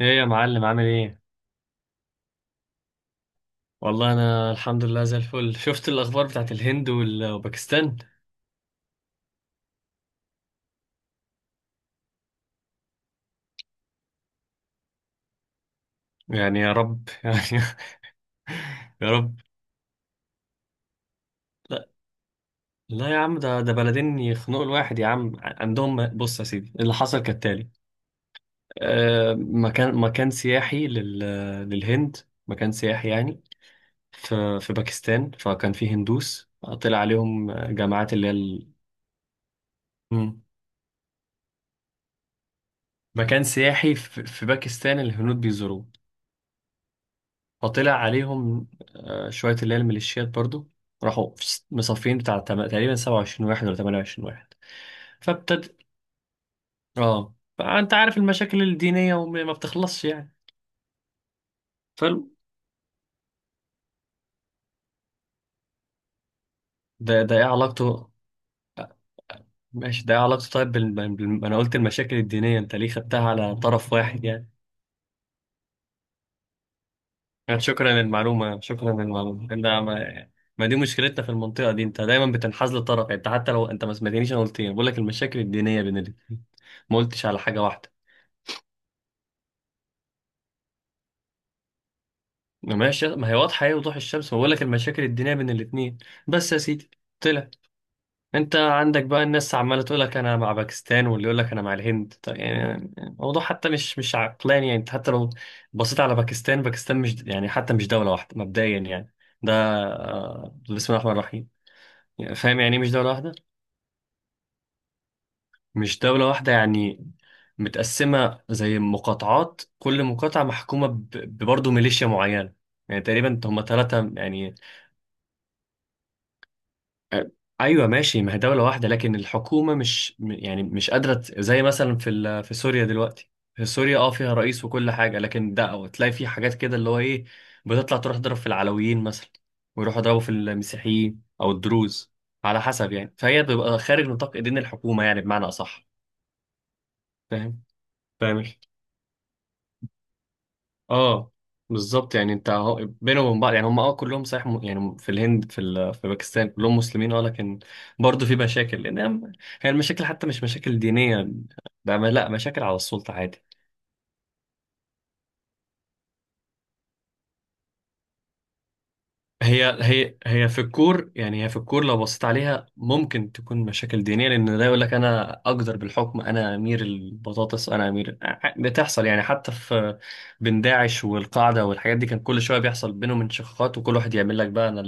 ايه يا معلم عامل ايه؟ والله انا الحمد لله زي الفل. شفت الاخبار بتاعت الهند وباكستان. يعني يا رب يعني يا رب. لا. لا يا عم، ده بلدين يخنقوا الواحد يا عم. عندهم، بص يا سيدي اللي حصل كالتالي. مكان سياحي للهند. مكان سياحي يعني، في باكستان، فكان فيه هندوس. طلع عليهم جماعات اللي هي مم. مكان سياحي في باكستان، الهنود بيزوروه. فطلع عليهم شوية اللي هي الميليشيات برضو. راحوا مصفين تقريبا 27 واحد ولا 28 واحد. فابتد اه فأنت عارف المشاكل الدينية وما ما بتخلصش يعني. فال ده ايه علاقته؟ ماشي، ده ايه علاقته طيب انا قلت المشاكل الدينية، انت ليه خدتها على طرف واحد يعني؟ يعني شكرا للمعلومة، شكرا للمعلومة. لا ما... ما دي مشكلتنا في المنطقة دي، انت دايما بتنحاز لطرف. يعني انت حتى لو انت ما سمعتنيش، انا قلت ايه؟ بقول لك المشاكل الدينية بين الاتنين، ما قلتش على حاجة واحدة. ماشي، ما هي واضحة ايه وضوح الشمس، ما بقول لك المشاكل الدينية بين الاتنين. بس يا سيدي، طلع انت عندك بقى الناس عمالة تقول لك انا مع باكستان، واللي يقول لك انا مع الهند. طيب يعني الموضوع حتى مش عقلاني. يعني انت حتى لو بصيت على باكستان، باكستان مش دولة واحدة مبدئيا يعني. ده بسم الله الرحمن الرحيم. يعني فاهم يعني ايه مش دولة واحدة؟ مش دولة واحدة يعني متقسمة زي مقاطعات، كل مقاطعة محكومة برضه ميليشيا معينة. يعني تقريبا هم ثلاثة يعني. ايوه ماشي، ما هي دوله واحده، لكن الحكومه مش م- يعني مش زي مثلا في في سوريا دلوقتي. في سوريا فيها رئيس وكل حاجه، لكن ده أو تلاقي في حاجات كده اللي هو ايه؟ بتطلع تروح تضرب في العلويين مثلا، ويروحوا يضربوا في المسيحيين او الدروز، على حسب يعني. فهي بتبقى خارج نطاق ايدين الحكومه يعني، بمعنى اصح. فاهم، فاهم، اه. بالظبط يعني، انت اهو بينهم وبين بعض. يعني هم كلهم صحيح، يعني في الهند، في باكستان كلهم مسلمين لكن برضه في مشاكل هي المشاكل حتى مش مشاكل دينية بقى، لا، مشاكل على السلطة عادي. هي في الكور. يعني هي في الكور، لو بصيت عليها ممكن تكون مشاكل دينية، لان ده يقول لك انا اقدر بالحكم، انا امير البطاطس، انا بتحصل يعني، حتى في بين داعش والقاعدة والحاجات دي كان كل شوية بيحصل بينهم انشقاقات، وكل واحد يعمل لك بقى انا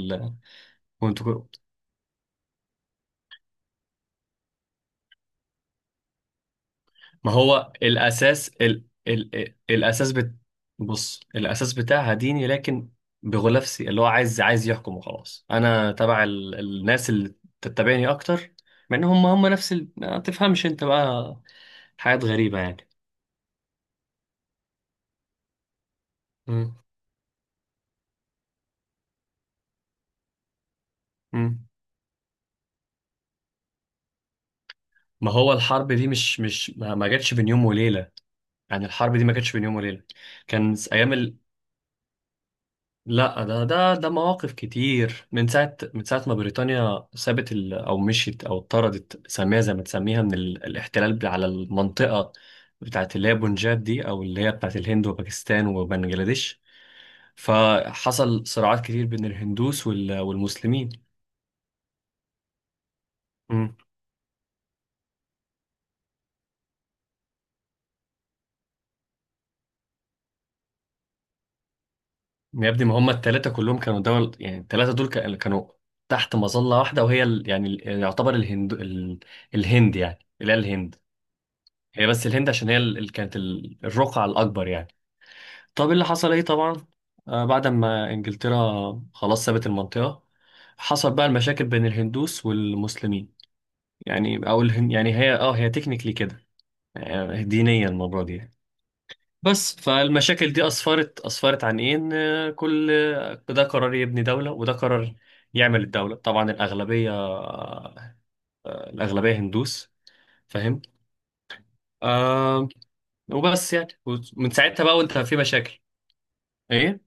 ال... ما هو الأساس، بص، الأساس بتاعها ديني، لكن بغلافسي اللي هو عايز يحكم وخلاص. أنا تبع الناس اللي تتبعني أكتر، مع إن هم نفس ما تفهمش أنت بقى، حاجات غريبة يعني. مم. مم. ما هو الحرب دي مش ما جاتش بين يوم وليلة. يعني الحرب دي ما جاتش بين يوم وليلة. أيام، لا، ده مواقف كتير من ساعة من ساعة ما بريطانيا سابت أو مشيت أو طردت، سميها زي ما تسميها، من الاحتلال على المنطقة بتاعت اللي هي بونجاب دي، أو اللي هي بتاعت الهند وباكستان وبنجلاديش. فحصل صراعات كتير بين الهندوس والمسلمين. مم. يا ابني، ما هم التلاتة كلهم كانوا دول. يعني التلاتة دول كانوا تحت مظلة واحدة، وهي ال يعني ال يعتبر الهند يعني، اللي هي الهند هي، بس الهند عشان هي اللي كانت الرقعة الأكبر يعني. طب اللي حصل ايه؟ طبعا بعد ما انجلترا خلاص سابت المنطقة، حصل بقى المشاكل بين الهندوس والمسلمين. يعني او الهن يعني هي هي تكنيكلي كده يعني، دينيا المرة دي يعني. بس فالمشاكل دي اسفرت عن ايه؟ ان كل ده قرر يبني دولة، وده قرر يعمل الدولة. طبعا الاغلبية الاغلبية هندوس. فاهم، آه. وبس يعني، ومن ساعتها بقى وانت في مشاكل. ايه؟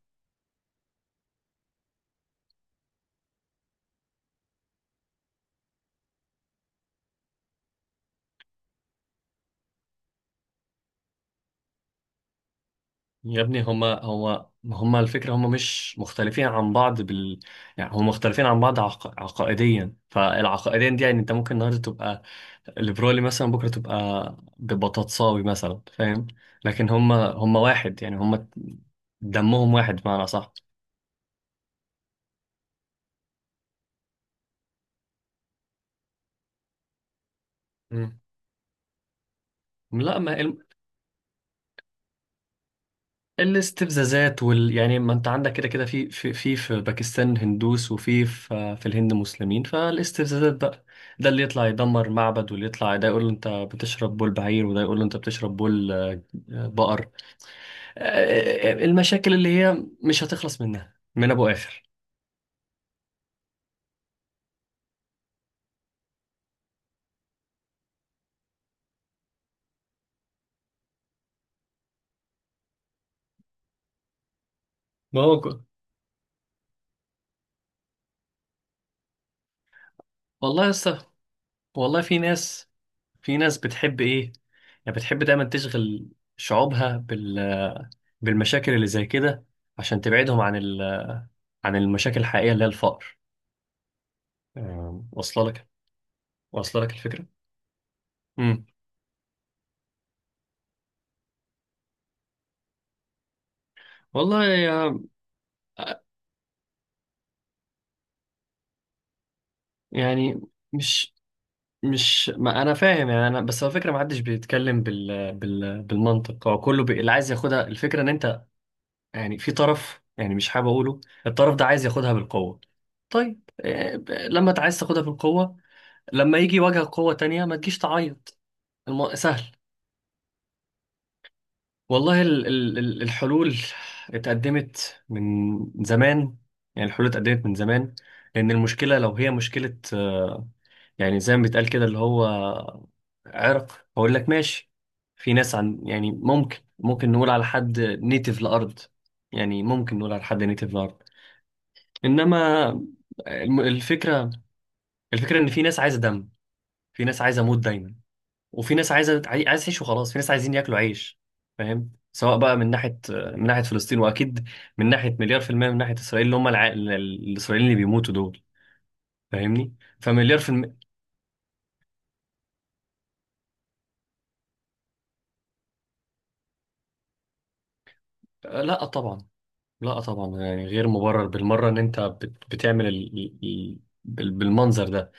يا ابني، هما الفكرة، هما مش مختلفين عن بعض يعني هما مختلفين عن بعض عقائديا. فالعقائديا دي يعني انت ممكن النهارده تبقى ليبرالي مثلا، بكرة تبقى ببطاطساوي مثلا، فاهم؟ لكن هما واحد يعني، هما دمهم واحد بمعنى صح. مم. لا، ما إيه؟ الاستفزازات يعني ما انت عندك كده كده في في باكستان هندوس، في الهند مسلمين. فالاستفزازات بقى، ده اللي يطلع يدمر معبد، واللي يطلع ده يقول له انت بتشرب بول بعير، وده يقول له انت بتشرب بول بقر. المشاكل اللي هي مش هتخلص منها من ابو اخر. ما هو ك- والله يا اسطى، والله في ناس، في ناس بتحب ايه، يعني بتحب دايما تشغل شعوبها بالمشاكل اللي زي كده، عشان تبعدهم عن عن المشاكل الحقيقية اللي هي الفقر. واصله لك، واصله لك الفكره. امم والله يا- يعني مش مش ما انا فاهم يعني، انا بس هو الفكره، ما حدش بيتكلم بالمنطق. هو كله اللي عايز ياخدها، الفكره ان انت يعني في طرف، يعني مش حابب اقوله، الطرف ده عايز ياخدها بالقوه. طيب لما انت عايز تاخدها بالقوه، لما يجي واجهك قوه تانية، ما تجيش تعيط. سهل، والله الحلول اتقدمت من زمان. يعني الحلول اتقدمت من زمان، لأن المشكلة لو هي مشكلة يعني زي ما بيتقال كده، اللي هو عرق، أقول لك ماشي، في ناس عن يعني ممكن نقول على حد نيتيف لأرض. يعني ممكن نقول على حد نيتيف لأرض، إنما الفكرة، الفكرة إن في ناس عايزة دم، في ناس عايزة موت دايما، وفي ناس عايز تعيش وخلاص، في ناس عايزين ياكلوا عيش، فاهم؟ سواء بقى من ناحيه من ناحيه فلسطين واكيد من ناحيه مليار في الميه، من ناحيه اسرائيل اللي هم الاسرائيليين اللي بيموتوا دول. فاهمني؟ فمليار في لا طبعا، لا طبعا، يعني غير مبرر بالمره ان انت بتعمل بالمنظر ده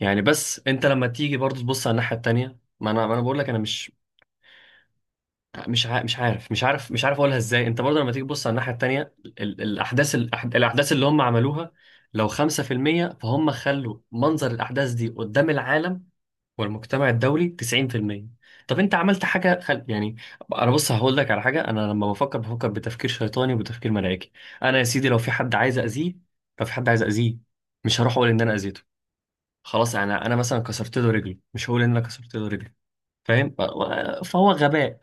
يعني. بس انت لما تيجي برضو تبص على الناحيه التانيه، ما انا بقول لك انا مش، مش عارف اقولها ازاي. انت برضه لما تيجي تبص على الناحيه التانيه، الاحداث الاحداث اللي هم عملوها، لو 5% فهم خلوا منظر الاحداث دي قدام العالم والمجتمع الدولي 90%. طب انت عملت حاجه يعني انا بص هقول لك على حاجه، انا لما بفكر بتفكير شيطاني وبتفكير ملائكي. انا يا سيدي لو في حد عايز اذيه، لو في حد عايز اذيه، مش هروح اقول ان انا اذيته. خلاص، انا مثلا كسرت له رجله، مش هقول ان انا كسرت له رجله. فاهم؟ فهو غباء.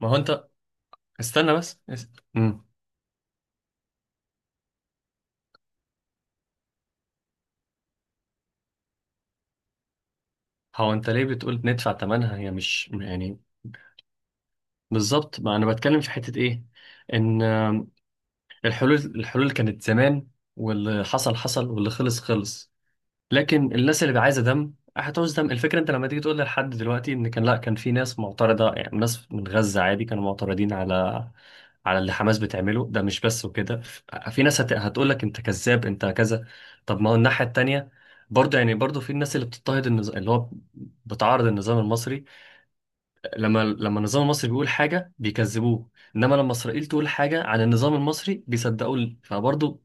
ما هو انت، استنى بس مم. هو انت ليه بتقول ندفع ثمنها؟ هي مش يعني، بالظبط، ما انا بتكلم في حتة ايه؟ ان الحلول كانت زمان، واللي حصل حصل واللي خلص خلص. لكن الناس اللي عايزة دم هتعوز دم. الفكرة انت لما تيجي تقول لحد دلوقتي ان كان، لا، كان في ناس معترضة يعني، ناس من غزة عادي كانوا معترضين على على اللي حماس بتعمله، ده مش بس وكده. في ناس هتقول لك انت كذاب، انت كذا. طب ما هو الناحية التانية برضه، يعني في الناس اللي بتضطهد النظام، اللي هو بتعارض النظام المصري. لما النظام المصري بيقول حاجة بيكذبوه، انما لما اسرائيل تقول حاجة عن النظام المصري بيصدقوه، فبرضه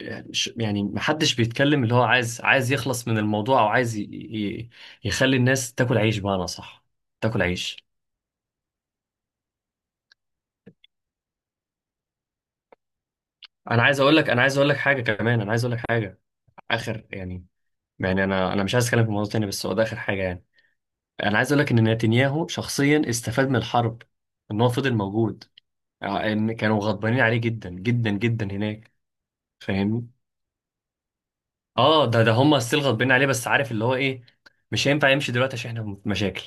يعني، يعني محدش بيتكلم. اللي هو عايز يخلص من الموضوع، او يخلي الناس تاكل عيش بقى، انا صح؟ تاكل عيش. انا عايز اقول لك، انا عايز اقول لك حاجة كمان، انا عايز اقول لك حاجة اخر يعني، يعني انا مش عايز اتكلم في الموضوع تاني، بس هو ده اخر حاجه يعني. انا عايز اقول لك ان نتنياهو شخصيا استفاد من الحرب، ان هو فضل موجود. ان كانوا غضبانين عليه جدا جدا جدا هناك، فاهمني؟ اه، ده هم ستيل غضبانين عليه، بس عارف اللي هو ايه؟ مش هينفع يمشي دلوقتي عشان احنا في مشاكل،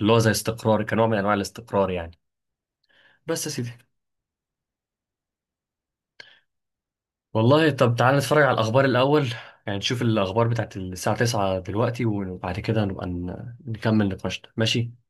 اللي هو زي استقرار، كنوع من انواع الاستقرار يعني. بس يا سيدي، والله طب تعال نتفرج على الاخبار الاول. يعني نشوف الاخبار بتاعت الساعه 9 دلوقتي، وبعد كده نبقى نكمل نقاشنا، ماشي؟